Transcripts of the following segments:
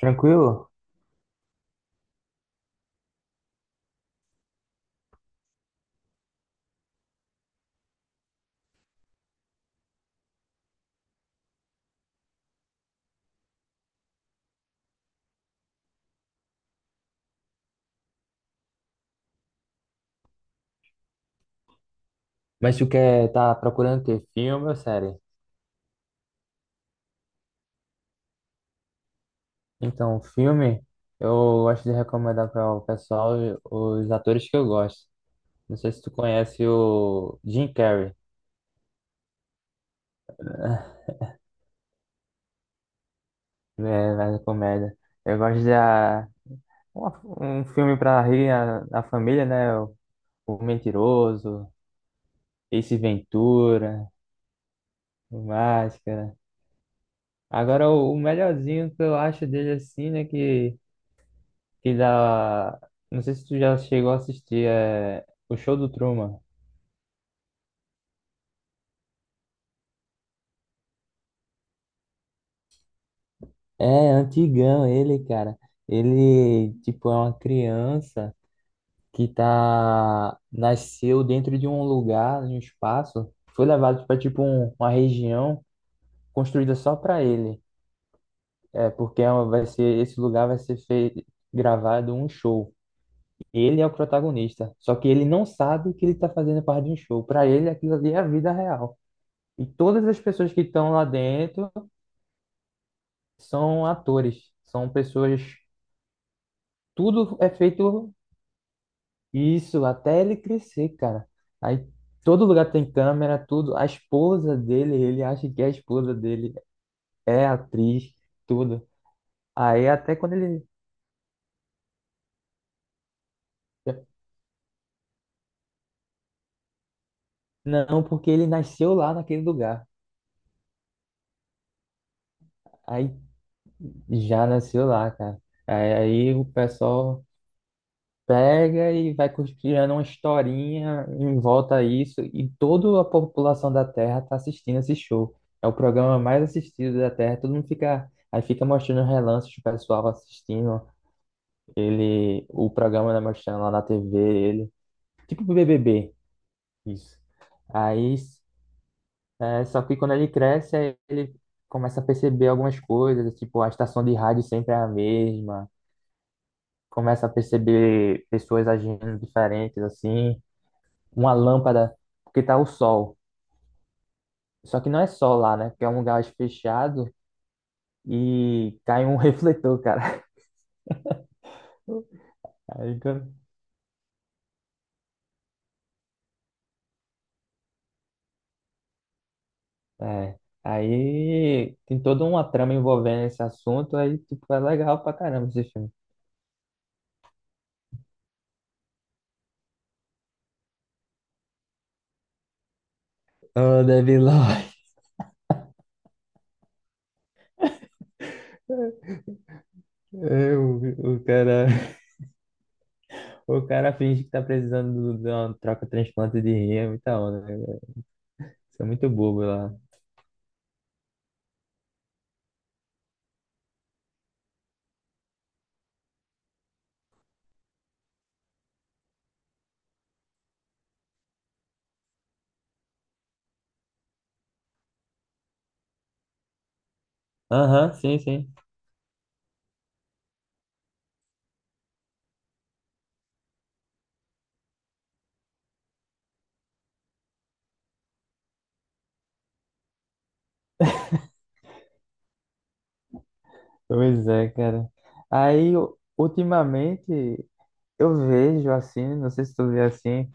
Tranquilo? Mas tu quer tá procurando ter filme ou série? Então, filme, eu gosto de recomendar para o pessoal os atores que eu gosto. Não sei se tu conhece o Jim Carrey, né, mais comédia. Eu gosto de um filme para rir a família, né? O Mentiroso, Ace Ventura, o Máscara. Agora, o melhorzinho que eu acho dele assim, né? Que dá. Não sei se tu já chegou a assistir o show do Truman. É, antigão ele, cara. Ele, tipo, é uma criança que tá nasceu dentro de um lugar, de um espaço, foi levado para tipo uma região construída só para ele. É, porque é vai ser, esse lugar vai ser feito, gravado um show. Ele é o protagonista, só que ele não sabe que ele tá fazendo parte de um show. Para ele aquilo ali é a vida real. E todas as pessoas que estão lá dentro são atores, são pessoas, tudo é feito, isso, até ele crescer, cara. Aí todo lugar tem câmera, tudo. A esposa dele, ele acha que a esposa dele é atriz, tudo. Aí até quando ele. Não, porque ele nasceu lá naquele lugar. Aí já nasceu lá, cara. Aí o pessoal pega e vai criando uma historinha em volta a isso, e toda a população da Terra tá assistindo esse show. É o programa mais assistido da Terra, todo mundo fica. Aí fica mostrando relances do pessoal assistindo ele, o programa, né, mostrando lá na TV, ele. Tipo BBB, isso. Aí, é, só que quando ele cresce, aí ele começa a perceber algumas coisas, tipo, a estação de rádio sempre é a mesma, começa a perceber pessoas agindo diferentes, assim. Uma lâmpada, porque tá o sol. Só que não é sol lá, né? Porque é um lugar fechado e cai um refletor, cara. Aí, quando- é. Aí tem toda uma trama envolvendo esse assunto, aí tipo, é legal pra caramba esse filme. Oh, Devil Lloyd. É, o cara finge que tá precisando de uma troca de transplante de rim, é muita onda, né? Isso é muito bobo lá. Aham, sim, sim. Pois é, cara. Aí, ultimamente, eu vejo assim, não sei se tu vê assim,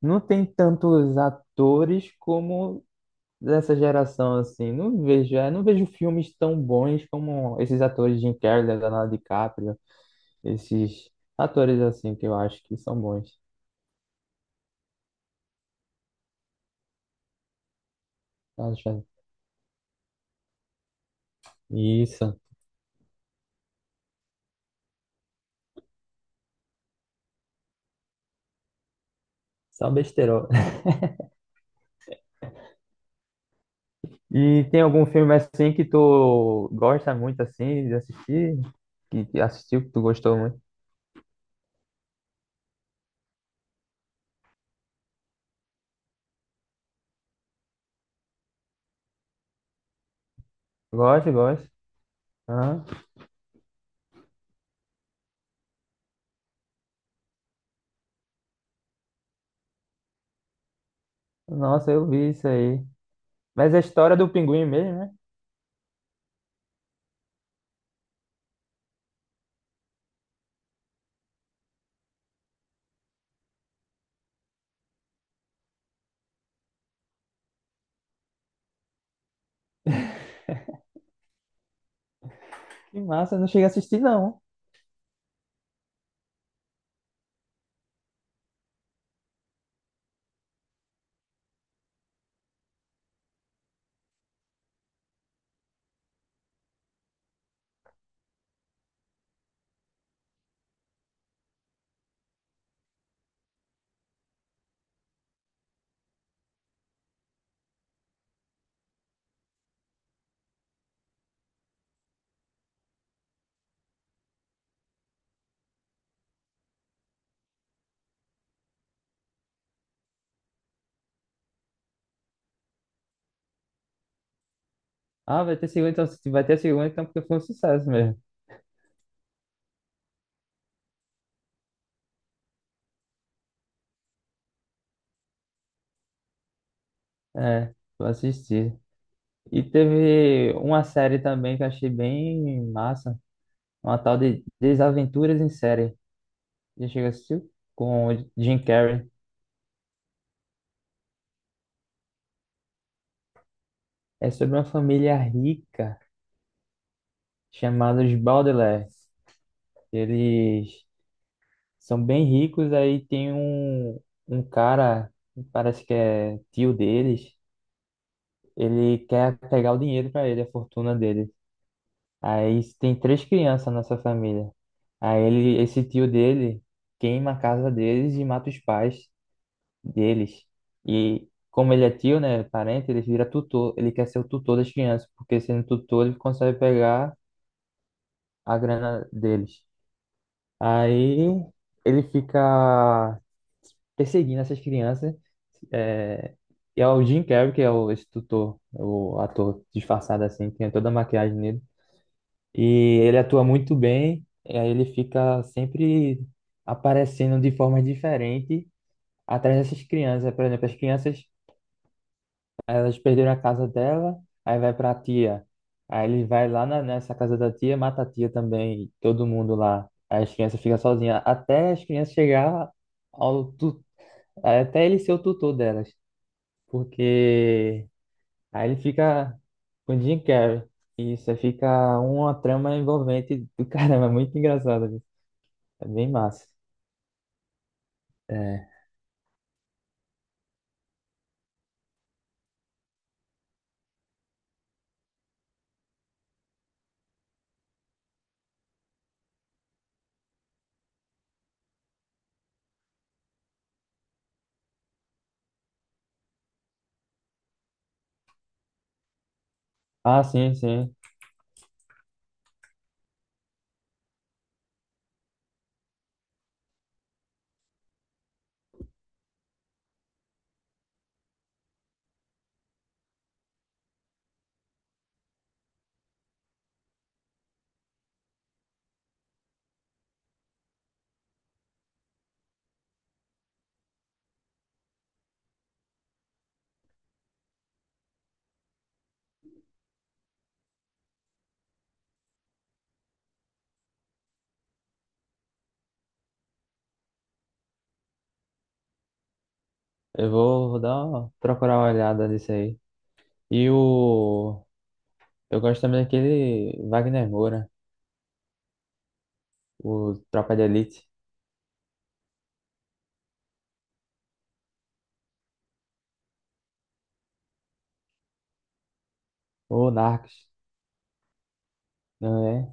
não tem tantos atores como dessa geração assim. Não vejo, é, não vejo filmes tão bons como esses atores Jim Carrey, Leonardo DiCaprio, esses atores assim que eu acho que são bons. Acho. Isso, só besteirol. E tem algum filme assim que tu gosta muito assim de assistir? Que assistiu, que tu gostou muito? Gosto, gosto. Aham. Nossa, eu vi isso aí. Mas é a história do pinguim mesmo, né? Que massa, eu não cheguei a assistir, não. Ah, vai ter segunda, então se vai ter segunda, então porque foi um sucesso mesmo. É, vou assistir. E teve uma série também que eu achei bem massa. Uma tal de Desaventuras em Série. Já chegou a assistir? Com o Jim Carrey. É sobre uma família rica chamada os Baudelaire. Eles são bem ricos, aí tem um cara, parece que é tio deles. Ele quer pegar o dinheiro para ele, a fortuna deles. Aí tem três crianças nessa família. Aí ele, esse tio dele queima a casa deles e mata os pais deles. E como ele é tio, né, parente, ele vira tutor. Ele quer ser o tutor das crianças, porque sendo tutor ele consegue pegar a grana deles. Aí ele fica perseguindo essas crianças. É, e é o Jim Carrey, que é o, esse tutor, o ator disfarçado assim, tem toda a maquiagem nele. E ele atua muito bem, e aí ele fica sempre aparecendo de formas diferentes atrás dessas crianças. Por exemplo, as crianças, elas perderam a casa dela, aí vai para a tia. Aí ele vai lá nessa casa da tia, mata a tia também, todo mundo lá. Aí as crianças ficam sozinhas, até as crianças chegar ao tu... até ele ser o tutor delas. Porque aí ele fica com o Jim Carrey. Isso, aí fica uma trama envolvente do caramba, é muito engraçado. É bem massa. É. Ah, sim, sim. Eu vou, vou dar uma, procurar uma olhada nisso aí. E o. Eu gosto também daquele Wagner Moura, o Tropa de Elite, o Narcos, não é?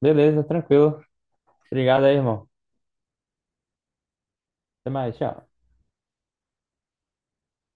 Beleza, tranquilo. Obrigado aí, irmão. Até mais, tchau.